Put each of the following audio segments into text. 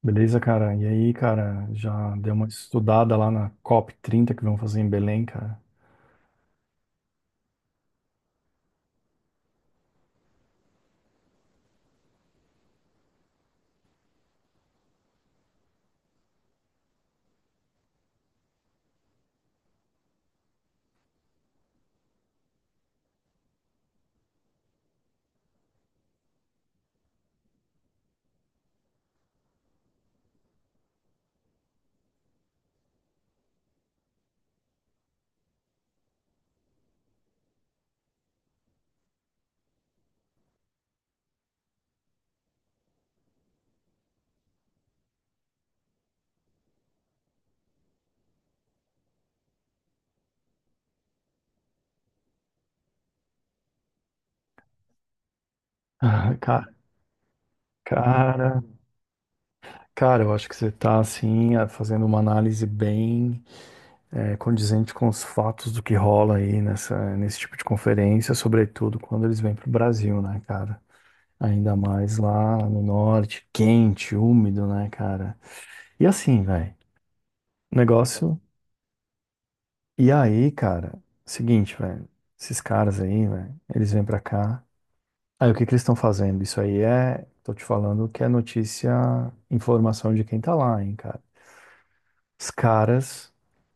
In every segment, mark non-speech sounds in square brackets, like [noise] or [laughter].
Beleza, cara? E aí, cara, já deu uma estudada lá na COP30 que vão fazer em Belém, cara? [laughs] Ah, cara, cara, eu acho que você tá, assim, fazendo uma análise bem condizente com os fatos do que rola aí nesse tipo de conferência, sobretudo quando eles vêm pro Brasil, né, cara? Ainda mais lá no norte, quente, úmido, né, cara? E assim, velho, negócio. E aí, cara, seguinte, velho, esses caras aí, velho, eles vêm pra cá. Aí o que que eles estão fazendo? Isso aí é, tô te falando que é notícia, informação de quem tá lá, hein, cara. Os caras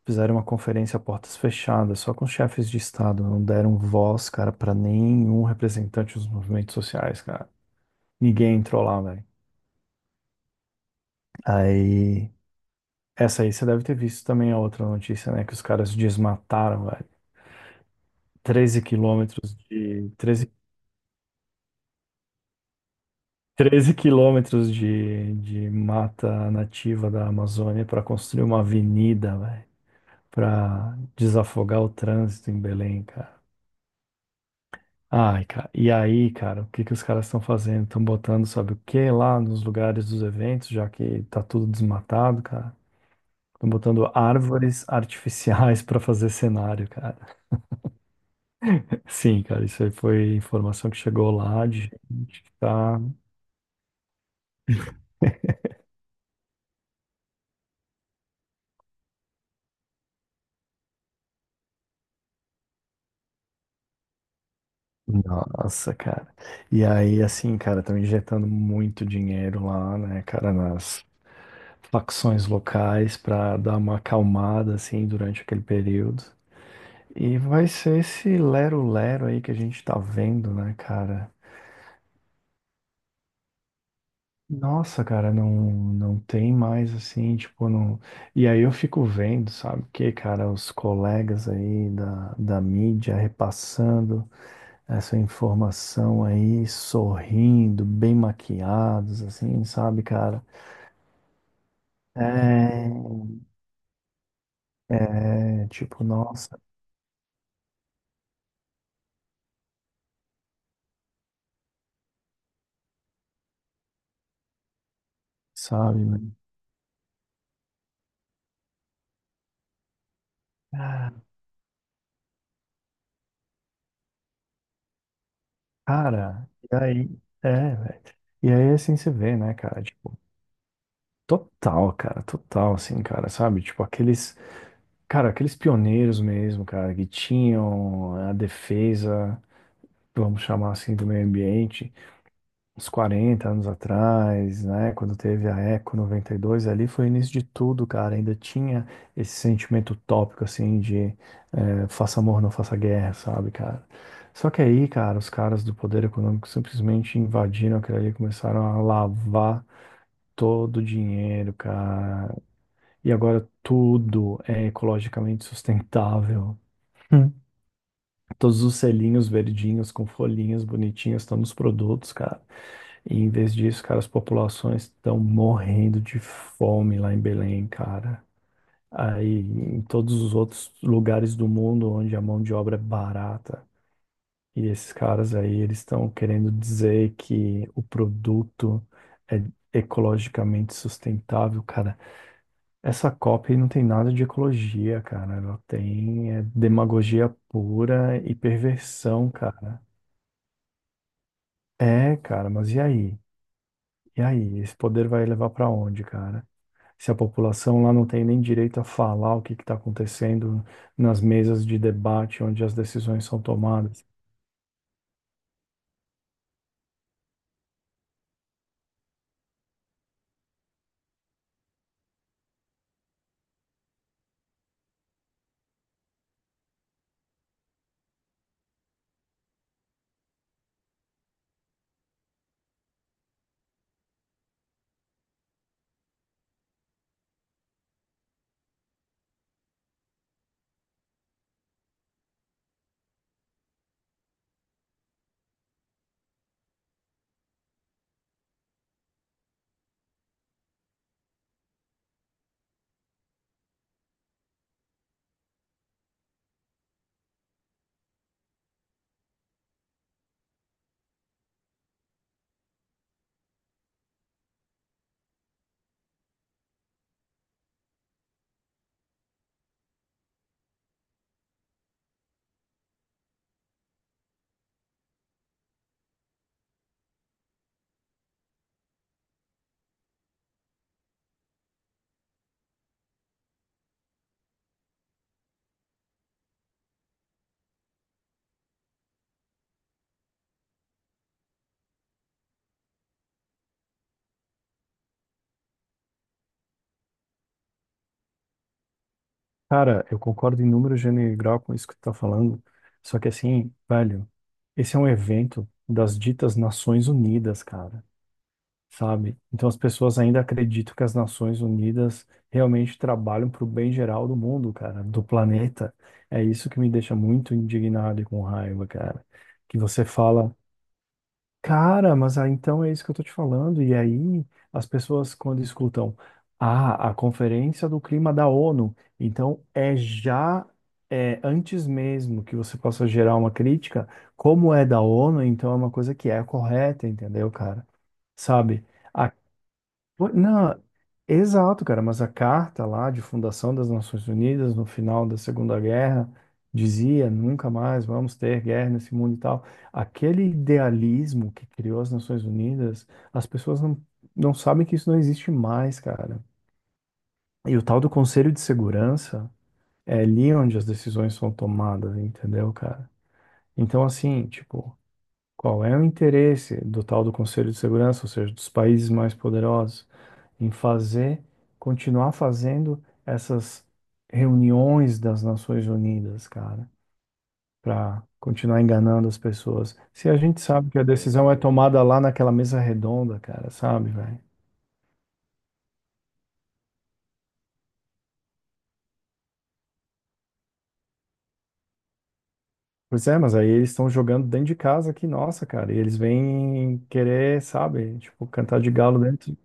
fizeram uma conferência a portas fechadas, só com os chefes de estado, não deram voz, cara, pra nenhum representante dos movimentos sociais, cara. Ninguém entrou lá, velho. Aí, essa aí você deve ter visto também a outra notícia, né, que os caras desmataram, velho. 13 quilômetros de 13 treze quilômetros de mata nativa da Amazônia para construir uma avenida, velho, para desafogar o trânsito em Belém, cara. Ai, cara, e aí, cara, o que que os caras estão fazendo? Estão botando, sabe o que lá nos lugares dos eventos, já que tá tudo desmatado, cara? Estão botando árvores artificiais [laughs] para fazer cenário, cara. [laughs] Sim, cara, isso aí foi informação que chegou lá de gente que tá. Nossa, cara. E aí, assim, cara, estão injetando muito dinheiro lá, né, cara, nas facções locais para dar uma acalmada, assim, durante aquele período. E vai ser esse lero-lero aí que a gente tá vendo, né, cara? Nossa, cara, não, não tem mais, assim, tipo, não. E aí eu fico vendo, sabe, que, cara, os colegas aí da, da mídia repassando. Essa informação aí, sorrindo, bem maquiados, assim, sabe, cara? É, é, tipo, nossa, sabe, mano? Ah, Cara, e aí, velho. E aí, assim, você vê, né, cara, tipo, total, cara, total, assim, cara, sabe? Tipo, aqueles, cara, aqueles pioneiros mesmo, cara, que tinham a defesa, vamos chamar assim, do meio ambiente, uns 40 anos atrás, né, quando teve a Eco 92, ali foi o início de tudo, cara. Ainda tinha esse sentimento utópico, assim, de faça amor, não faça guerra, sabe, cara? Só que aí, cara, os caras do poder econômico simplesmente invadiram aquilo ali, e começaram a lavar todo o dinheiro, cara. E agora tudo é ecologicamente sustentável. [laughs] Todos os selinhos verdinhos com folhinhas bonitinhas estão nos produtos, cara. E em vez disso, cara, as populações estão morrendo de fome lá em Belém, cara. Aí em todos os outros lugares do mundo onde a mão de obra é barata. E esses caras aí, eles estão querendo dizer que o produto é ecologicamente sustentável, cara. Essa COP aí não tem nada de ecologia, cara. Ela tem é, demagogia pura e perversão, cara. É, cara, mas e aí? E aí? Esse poder vai levar pra onde, cara? Se a população lá não tem nem direito a falar o que que tá acontecendo nas mesas de debate onde as decisões são tomadas. Cara, eu concordo em número gênero e grau com isso que tu tá falando, só que assim, velho, esse é um evento das ditas Nações Unidas, cara. Sabe? Então as pessoas ainda acreditam que as Nações Unidas realmente trabalham para o bem geral do mundo, cara, do planeta. É isso que me deixa muito indignado e com raiva, cara. Que você fala, cara, mas ah, então é isso que eu tô te falando. E aí as pessoas quando escutam, ah, a Conferência do Clima da ONU, então é já É, antes mesmo que você possa gerar uma crítica, como é da ONU, então é uma coisa que é correta, entendeu, cara? Sabe? Pô, não, exato, cara, mas a carta lá de fundação das Nações Unidas no final da Segunda Guerra dizia nunca mais vamos ter guerra nesse mundo e tal. Aquele idealismo que criou as Nações Unidas, as pessoas não, não sabem que isso não existe mais, cara. E o tal do Conselho de Segurança é ali onde as decisões são tomadas, entendeu, cara? Então, assim, tipo, qual é o interesse do tal do Conselho de Segurança, ou seja, dos países mais poderosos? Em fazer, continuar fazendo essas reuniões das Nações Unidas, cara, para continuar enganando as pessoas. Se a gente sabe que a decisão é tomada lá naquela mesa redonda, cara, sabe, velho? Pois é, mas aí eles estão jogando dentro de casa aqui, nossa, cara, e eles vêm querer, sabe, tipo, cantar de galo dentro.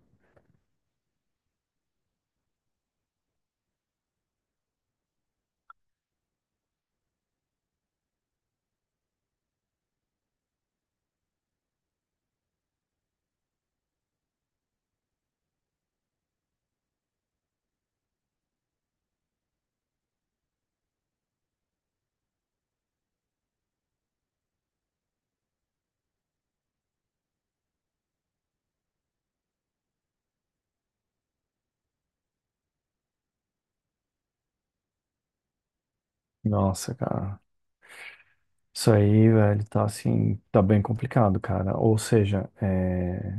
Nossa, cara. Isso aí, velho, tá assim, tá bem complicado, cara. Ou seja, é,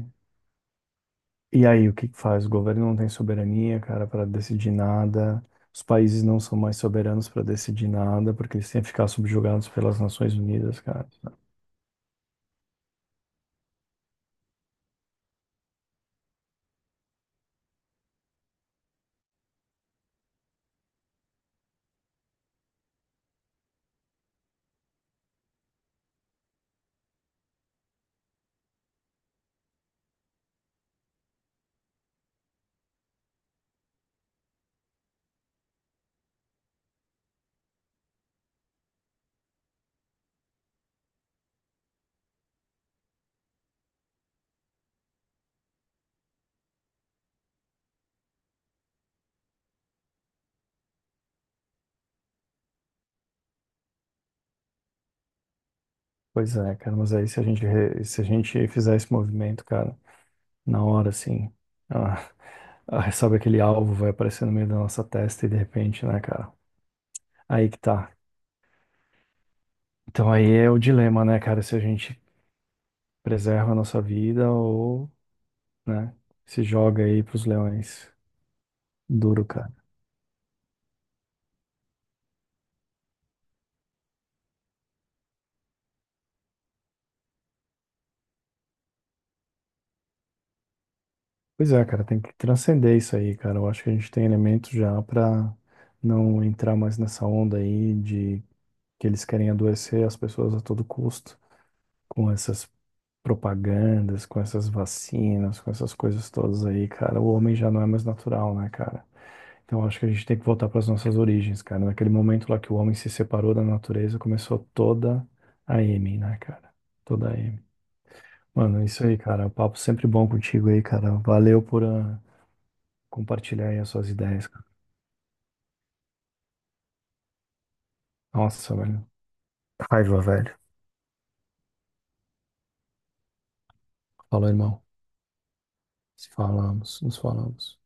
e aí, o que que faz? O governo não tem soberania, cara, para decidir nada. Os países não são mais soberanos para decidir nada, porque eles têm que ficar subjugados pelas Nações Unidas, cara. Pois é, cara, mas aí se a gente, se a gente fizer esse movimento, cara, na hora, assim, ah, sabe aquele alvo vai aparecer no meio da nossa testa e de repente, né, cara? Aí que tá. Então aí é o dilema, né, cara, se a gente preserva a nossa vida ou, né, se joga aí pros leões. Duro, cara. Pois é, cara, tem que transcender isso aí, cara. Eu acho que a gente tem elementos já pra não entrar mais nessa onda aí de que eles querem adoecer as pessoas a todo custo, com essas propagandas, com essas vacinas, com essas coisas todas aí, cara. O homem já não é mais natural, né, cara? Então eu acho que a gente tem que voltar para as nossas origens, cara. Naquele momento lá que o homem se separou da natureza, começou toda a M, né, cara? Toda a M. Mano, é isso aí, cara. O papo sempre bom contigo aí, cara. Valeu por compartilhar aí as suas ideias, cara. Nossa, velho. Raiva, velho. Falou, irmão. Se falamos, nos falamos.